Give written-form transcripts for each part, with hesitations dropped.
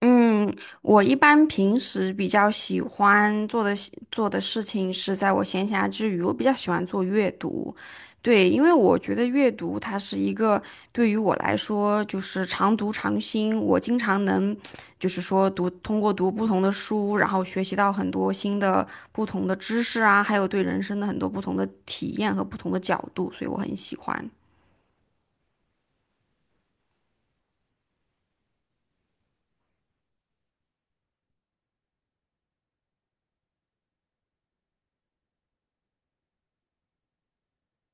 嗯，我一般平时比较喜欢做的事做的事情是在我闲暇之余，我比较喜欢做阅读。对，因为我觉得阅读它是一个对于我来说就是常读常新，我经常能就是说读通过读不同的书，然后学习到很多新的不同的知识啊，还有对人生的很多不同的体验和不同的角度，所以我很喜欢。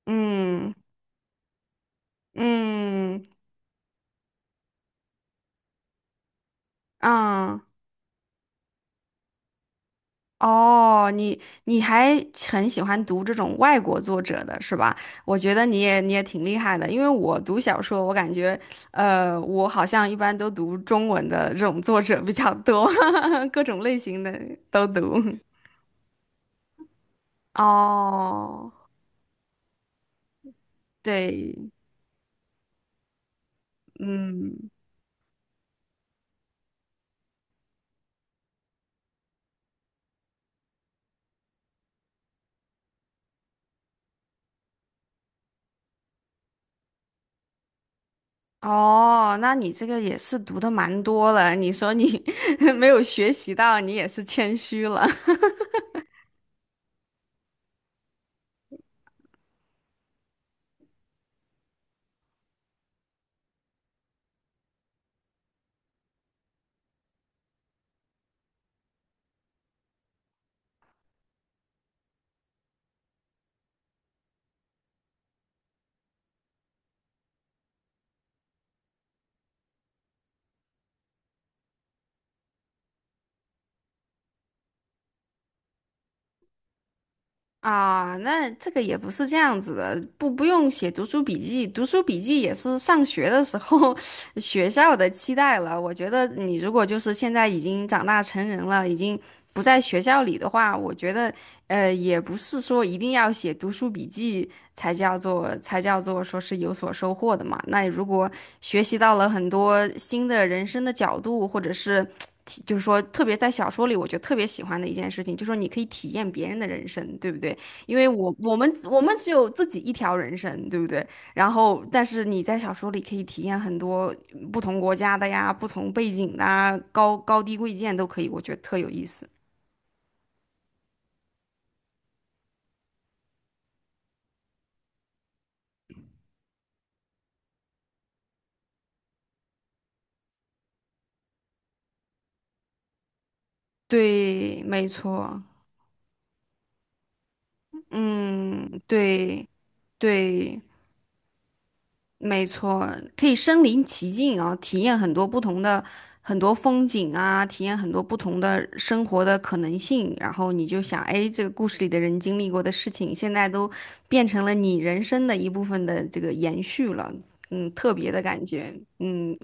嗯嗯嗯。啊哦，你还很喜欢读这种外国作者的是吧？我觉得你也挺厉害的，因为我读小说，我感觉，我好像一般都读中文的这种作者比较多，各种类型的都读。哦，对，嗯，哦，那你这个也是读的蛮多了，你说你 没有学习到，你也是谦虚了。啊，那这个也不是这样子的，不用写读书笔记，读书笔记也是上学的时候 学校的期待了。我觉得你如果就是现在已经长大成人了，已经不在学校里的话，我觉得也不是说一定要写读书笔记才叫做才叫做说是有所收获的嘛。那如果学习到了很多新的人生的角度，或者是就是说，特别在小说里，我觉得特别喜欢的一件事情，就是说你可以体验别人的人生，对不对？因为我们只有自己一条人生，对不对？然后，但是你在小说里可以体验很多不同国家的呀、不同背景的啊、高高低贵贱都可以，我觉得特有意思。对，没错，嗯，对对。没错，可以身临其境啊，体验很多不同的很多风景啊，体验很多不同的生活的可能性。然后你就想，哎，这个故事里的人经历过的事情，现在都变成了你人生的一部分的这个延续了。嗯，特别的感觉。嗯，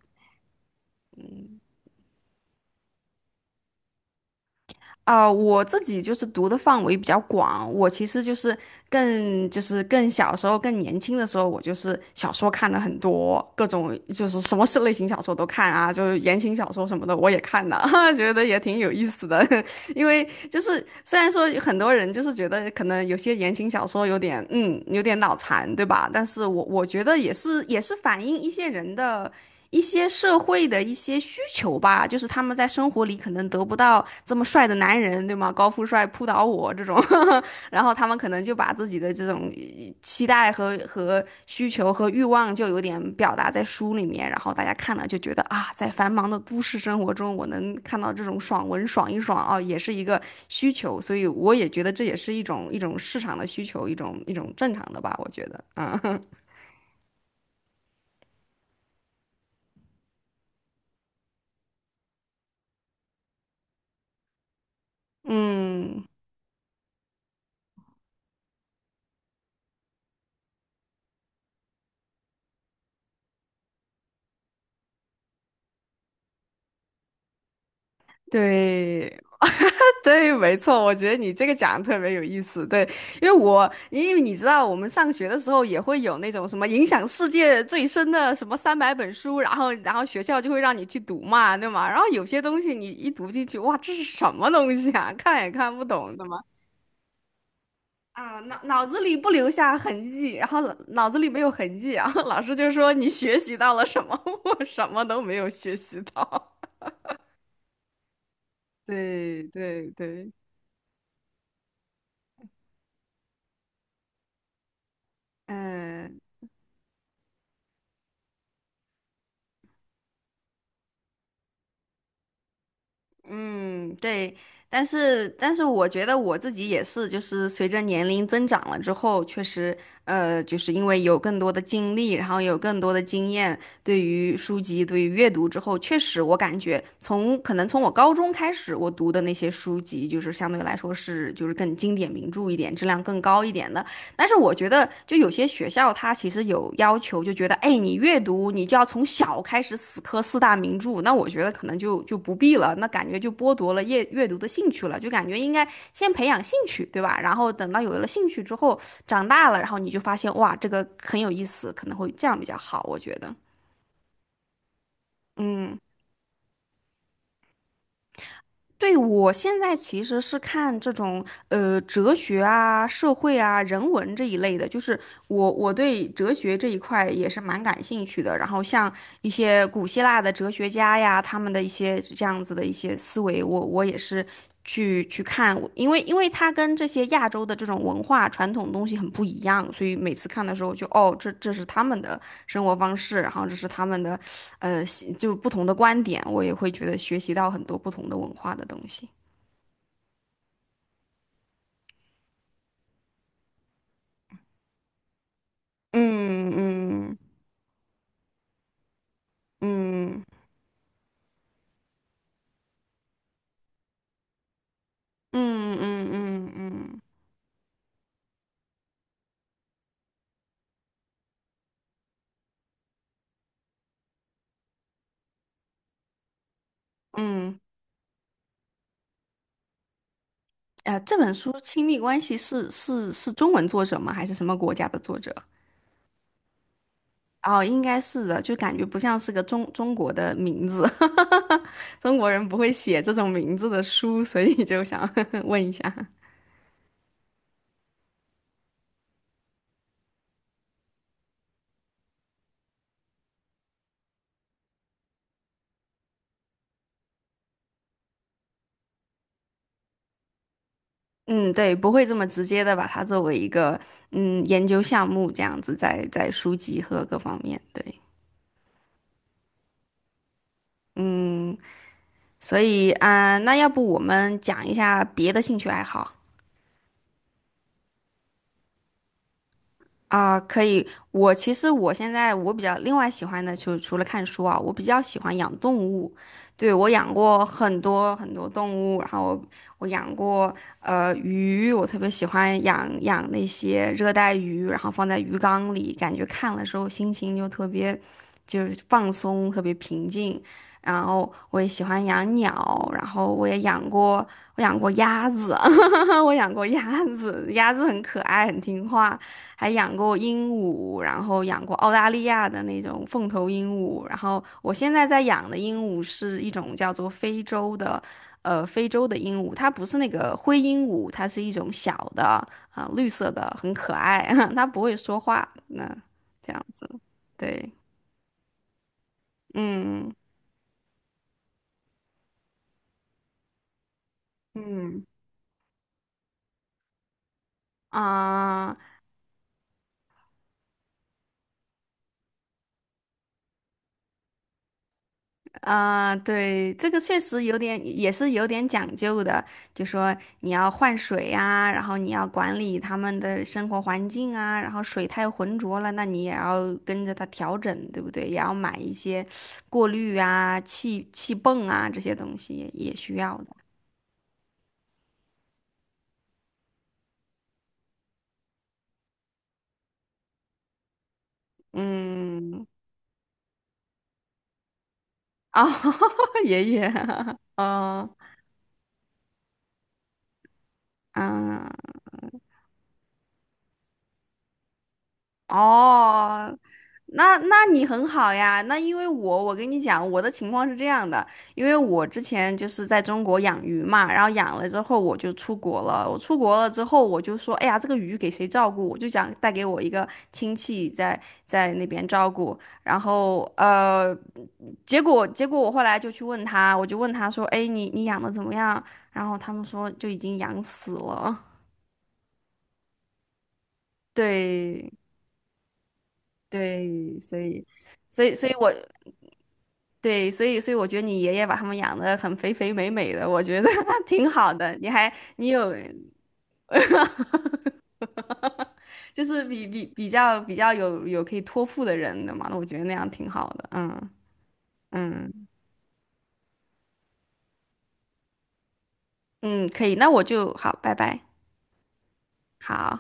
啊、我自己就是读的范围比较广，我其实就是更小时候、更年轻的时候，我就是小说看的很多，各种就是什么是类型小说都看啊，就是言情小说什么的我也看了，觉得也挺有意思的。因为就是虽然说很多人就是觉得可能有些言情小说有点脑残，对吧？但是我觉得也是反映一些人的一些社会的一些需求吧，就是他们在生活里可能得不到这么帅的男人，对吗？高富帅扑倒我这种，然后他们可能就把自己的这种期待和需求和欲望就有点表达在书里面，然后大家看了就觉得啊，在繁忙的都市生活中，我能看到这种爽文爽一爽啊，也是一个需求，所以我也觉得这也是一种市场的需求，一种正常的吧，我觉得，嗯嗯。对，对，没错，我觉得你这个讲的特别有意思。对，因为你知道，我们上学的时候也会有那种什么影响世界最深的什么300本书，然后学校就会让你去读嘛，对吗？然后有些东西你一读进去，哇，这是什么东西啊？看也看不懂，对吗？啊，脑子里不留下痕迹，然后脑子里没有痕迹，然后老师就说你学习到了什么？我什么都没有学习到。对对对，嗯。嗯，对，但是我觉得我自己也是，就是随着年龄增长了之后，确实，就是因为有更多的经历，然后有更多的经验，对于书籍，对于阅读之后，确实我感觉可能从我高中开始，我读的那些书籍，就是相对来说是就是更经典名著一点，质量更高一点的。但是我觉得，就有些学校它其实有要求，就觉得，哎，你阅读你就要从小开始死磕四大名著。那我觉得可能就不必了，那感觉就剥夺了阅读的兴趣了，就感觉应该先培养兴趣，对吧？然后等到有了兴趣之后，长大了，然后你就发现，哇，这个很有意思，可能会这样比较好，我觉得，嗯。对，我现在其实是看这种哲学啊、社会啊、人文这一类的，就是我对哲学这一块也是蛮感兴趣的。然后像一些古希腊的哲学家呀，他们的一些这样子的一些思维，我也是去看，因为它跟这些亚洲的这种文化传统东西很不一样，所以每次看的时候就哦，这是他们的生活方式，然后这是他们的，呃，就不同的观点，我也会觉得学习到很多不同的文化的东西。嗯嗯嗯嗯嗯嗯嗯嗯。这本书《亲密关系》是中文作者吗？还是什么国家的作者？哦，应该是的，就感觉不像是个中国的名字，中国人不会写这种名字的书，所以就想 问一下。嗯，对，不会这么直接的把它作为一个研究项目这样子在书籍和各方面，对。所以啊，那要不我们讲一下别的兴趣爱好？啊，可以。我其实我现在我比较另外喜欢的，就除了看书啊，我比较喜欢养动物。对，我养过很多很多动物，然后我养过鱼，我特别喜欢养养那些热带鱼，然后放在鱼缸里，感觉看了之后心情就特别就是放松，特别平静。然后我也喜欢养鸟，然后我也养过我养过鸭子，我养过鸭子，鸭子很可爱，很听话。还养过鹦鹉，然后养过澳大利亚的那种凤头鹦鹉，然后我现在在养的鹦鹉是一种叫做非洲的，非洲的鹦鹉，它不是那个灰鹦鹉，它是一种小的啊、绿色的，很可爱，它不会说话，那这样子，对，嗯嗯。啊啊，对，这个确实有点，也是有点讲究的。就说你要换水啊，然后你要管理他们的生活环境啊，然后水太浑浊了，那你也要跟着它调整，对不对？也要买一些过滤啊、气泵啊这些东西也需要的。嗯，哦，爷爷，哦，嗯。哦，那你很好呀。那因为我跟你讲，我的情况是这样的，因为我之前就是在中国养鱼嘛，然后养了之后我就出国了。我出国了之后，我就说，哎呀，这个鱼给谁照顾？我就想带给我一个亲戚在那边照顾。然后结果我后来就去问他，我就问他说，哎，你养的怎么样？然后他们说就已经养死了。对对，所以，所以，所以我，对，所以我觉得你爷爷把他们养得很肥肥美美的，我觉得 挺好的。你有就是比较有可以托付的人的嘛，那我觉得那样挺好的。嗯嗯嗯，可以，那我就好，拜拜，好。